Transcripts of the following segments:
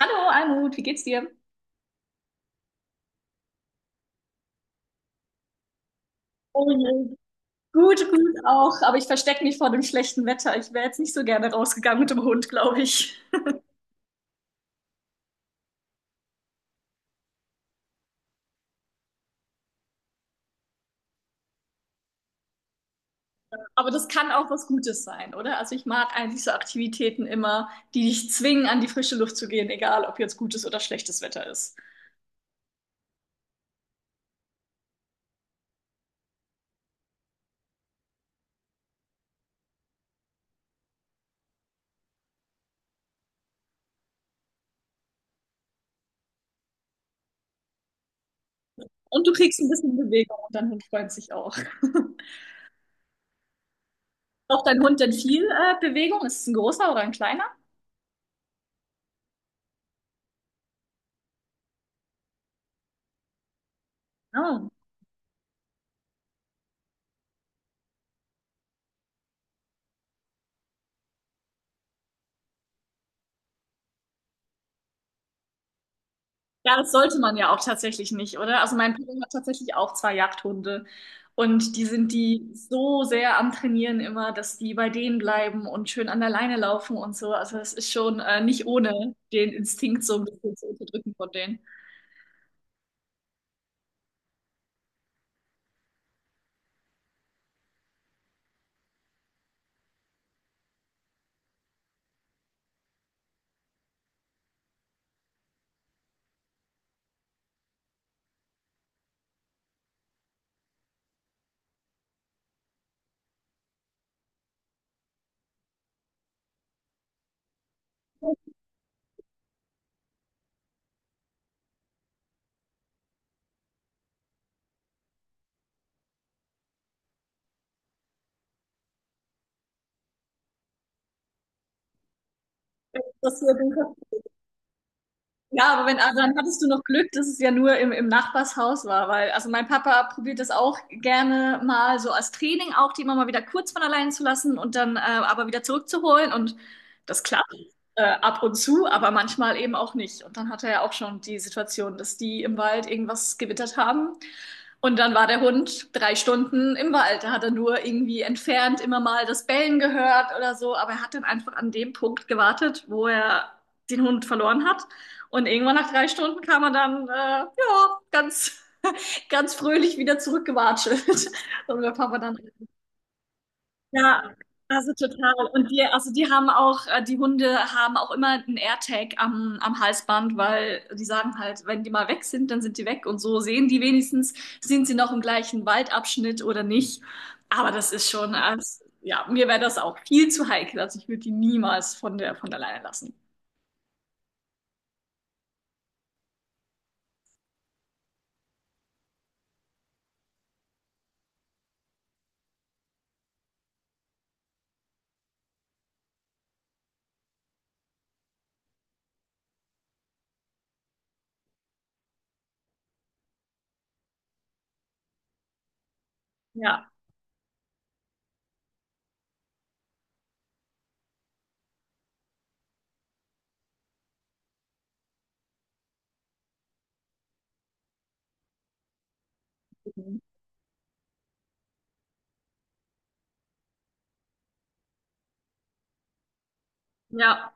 Hallo Almut, wie geht's dir? Oh je. Gut, gut auch, aber ich verstecke mich vor dem schlechten Wetter. Ich wäre jetzt nicht so gerne rausgegangen mit dem Hund, glaube ich. Aber das kann auch was Gutes sein, oder? Also ich mag eigentlich so Aktivitäten immer, die dich zwingen, an die frische Luft zu gehen, egal ob jetzt gutes oder schlechtes Wetter ist. Und du kriegst ein bisschen Bewegung und dein Hund freut sich auch. Braucht dein Hund denn viel Bewegung? Ist es ein großer oder ein kleiner? Ah. Ja, das sollte man ja auch tatsächlich nicht, oder? Also mein Papa hat tatsächlich auch zwei Jagdhunde und die sind die so sehr am Trainieren immer, dass die bei denen bleiben und schön an der Leine laufen und so. Also es ist schon nicht ohne den Instinkt so ein bisschen zu unterdrücken von denen. Das hier, den Ja, aber wenn, also dann hattest du noch Glück, dass es ja nur im Nachbarshaus war, weil, also mein Papa probiert das auch gerne mal so als Training auch, die immer mal wieder kurz von allein zu lassen und dann aber wieder zurückzuholen und das klappt ab und zu, aber manchmal eben auch nicht. Und dann hatte er ja auch schon die Situation, dass die im Wald irgendwas gewittert haben und dann war der Hund 3 Stunden im Wald. Da hat er nur irgendwie entfernt immer mal das Bellen gehört oder so, aber er hat dann einfach an dem Punkt gewartet, wo er den Hund verloren hat und irgendwann nach 3 Stunden kam er dann, ja, ganz, ganz fröhlich wieder zurückgewatschelt. Und mein Papa dann, ja, also total. Und die, also die haben auch, die Hunde haben auch immer einen AirTag am Halsband, weil die sagen halt, wenn die mal weg sind, dann sind die weg. Und so sehen die wenigstens, sind sie noch im gleichen Waldabschnitt oder nicht. Aber das ist schon, also, ja, mir wäre das auch viel zu heikel. Also ich würde die niemals von alleine lassen. Ja, ja.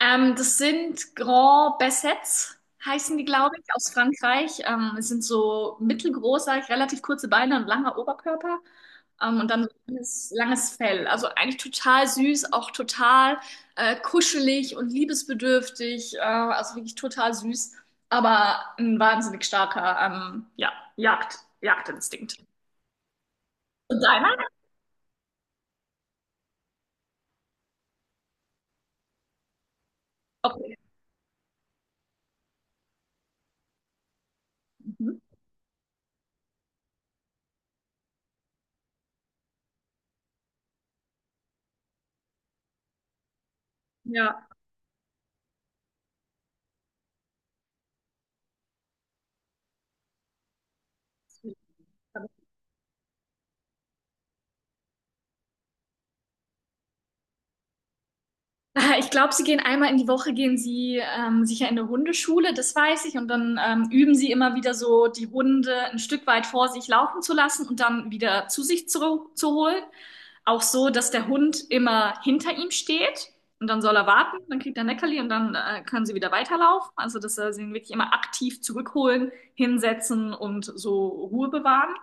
Das sind Grand Bassets, heißen die, glaube ich, aus Frankreich. Es sind so mittelgroß, sag ich, relativ kurze Beine und langer Oberkörper. Und dann so langes, langes Fell. Also eigentlich total süß, auch total kuschelig und liebesbedürftig. Also wirklich total süß, aber ein wahnsinnig starker ja, Jagdinstinkt. Und deiner? Okay. Mhm. Ja. Ich glaube, sie gehen einmal in die Woche, gehen sie sicher in eine Hundeschule, das weiß ich. Und dann üben sie immer wieder so, die Hunde ein Stück weit vor sich laufen zu lassen und dann wieder zu sich zu holen. Auch so, dass der Hund immer hinter ihm steht und dann soll er warten, dann kriegt er ein Leckerli und dann können sie wieder weiterlaufen. Also, dass er sie wirklich immer aktiv zurückholen, hinsetzen und so Ruhe bewahren.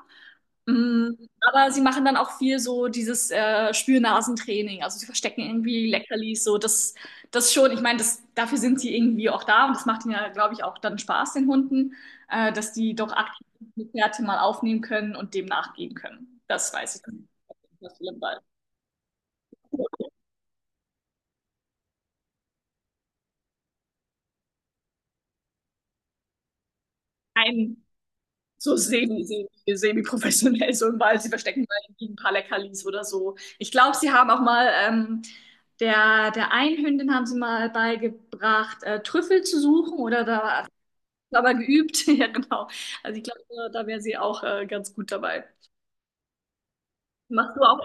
Mm. Aber sie machen dann auch viel so dieses Spürnasentraining. Also sie verstecken irgendwie Leckerlis, so das, das schon. Ich meine, das, dafür sind sie irgendwie auch da und das macht ihnen ja, glaube ich, auch dann Spaß, den Hunden, dass die doch aktiv die Fährte mal aufnehmen können und dem nachgehen können. Das weiß ich. Das ist im Ein So semi-professionell, so im Wald. Sie verstecken mal irgendwie ein paar Leckerlis oder so. Ich glaube, sie haben auch mal, der einen Hündin haben sie mal beigebracht, Trüffel zu suchen oder da aber geübt. Ja, genau. Also ich glaube, da, da wäre sie auch ganz gut dabei. Machst du auch?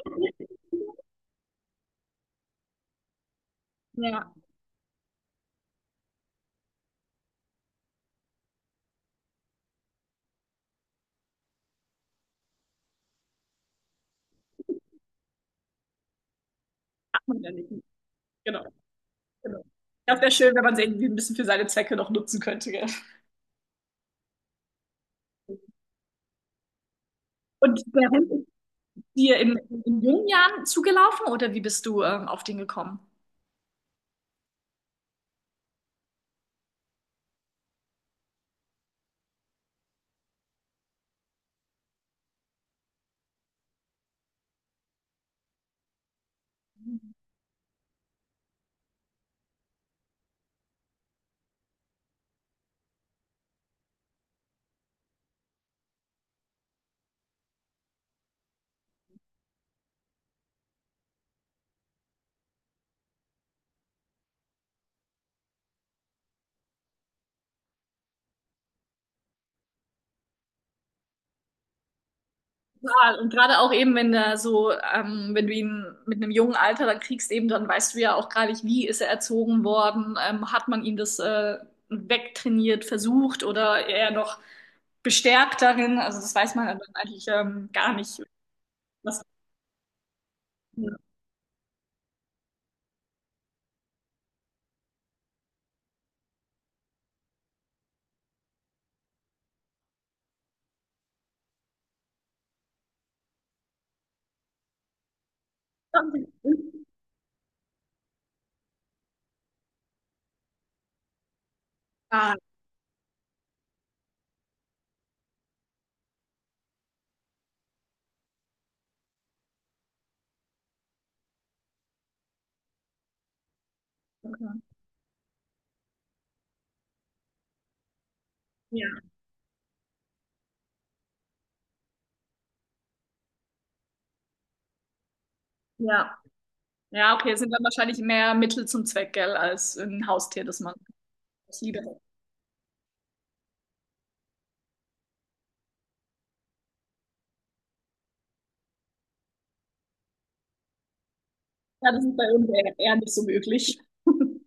Ja, ach, man ja nicht. Genau, genau. Das wäre schön, wenn man sie irgendwie ein bisschen für seine Zwecke noch nutzen könnte. Gell? Und der Hund ist dir in jungen Jahren zugelaufen oder wie bist du auf den gekommen? Total. Und gerade auch eben, wenn er so, wenn du ihn mit einem jungen Alter dann kriegst, eben dann weißt du ja auch gar nicht, wie ist er erzogen worden, hat man ihm das wegtrainiert, versucht oder eher noch bestärkt darin. Also das weiß man dann eigentlich gar nicht. Was ah, okay. Ja, ja. Ja, okay, es sind dann wahrscheinlich mehr Mittel zum Zweck, gell, als ein Haustier, das man das lieber hat. Ja, das ist bei uns eher, eher nicht so möglich.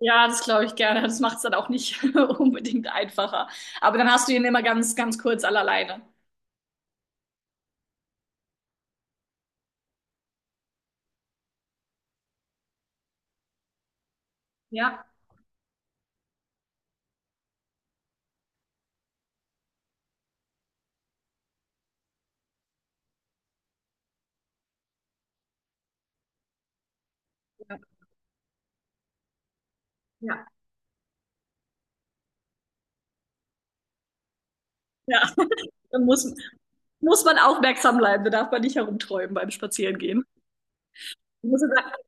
Ja, das glaube ich gerne. Das macht es dann auch nicht unbedingt einfacher. Aber dann hast du ihn immer ganz, ganz kurz alleine. Ja, ja, ja. Ja, dann muss man aufmerksam bleiben. Da darf man nicht herumträumen beim Spazierengehen. Man muss jetzt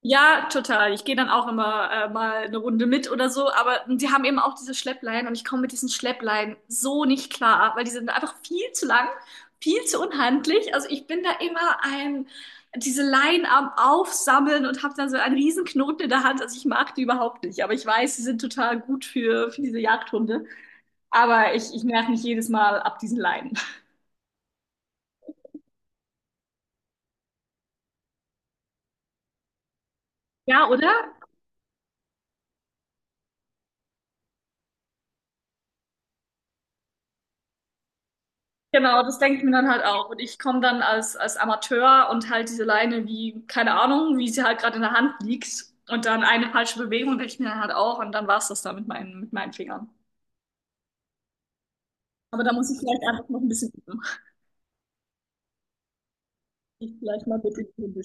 Ja, total. Ich gehe dann auch immer mal eine Runde mit oder so, aber die haben eben auch diese Schleppleinen und ich komme mit diesen Schleppleinen so nicht klar, weil die sind einfach viel zu lang, viel zu unhandlich. Also ich bin da immer diese Leinen am Aufsammeln und habe dann so einen riesen Knoten in der Hand. Also ich mag die überhaupt nicht, aber ich weiß, sie sind total gut für diese Jagdhunde. Aber ich nerv mich jedes Mal ab diesen Leinen. Ja, oder? Genau, das denke ich mir dann halt auch. Und ich komme dann als Amateur und halt diese Leine wie, keine Ahnung, wie sie halt gerade in der Hand liegt. Und dann eine falsche Bewegung denke ich mir dann halt auch. Und dann war es das da mit meinen Fingern. Aber da muss ich vielleicht einfach noch ein bisschen üben. Ich vielleicht mal bitte die Hände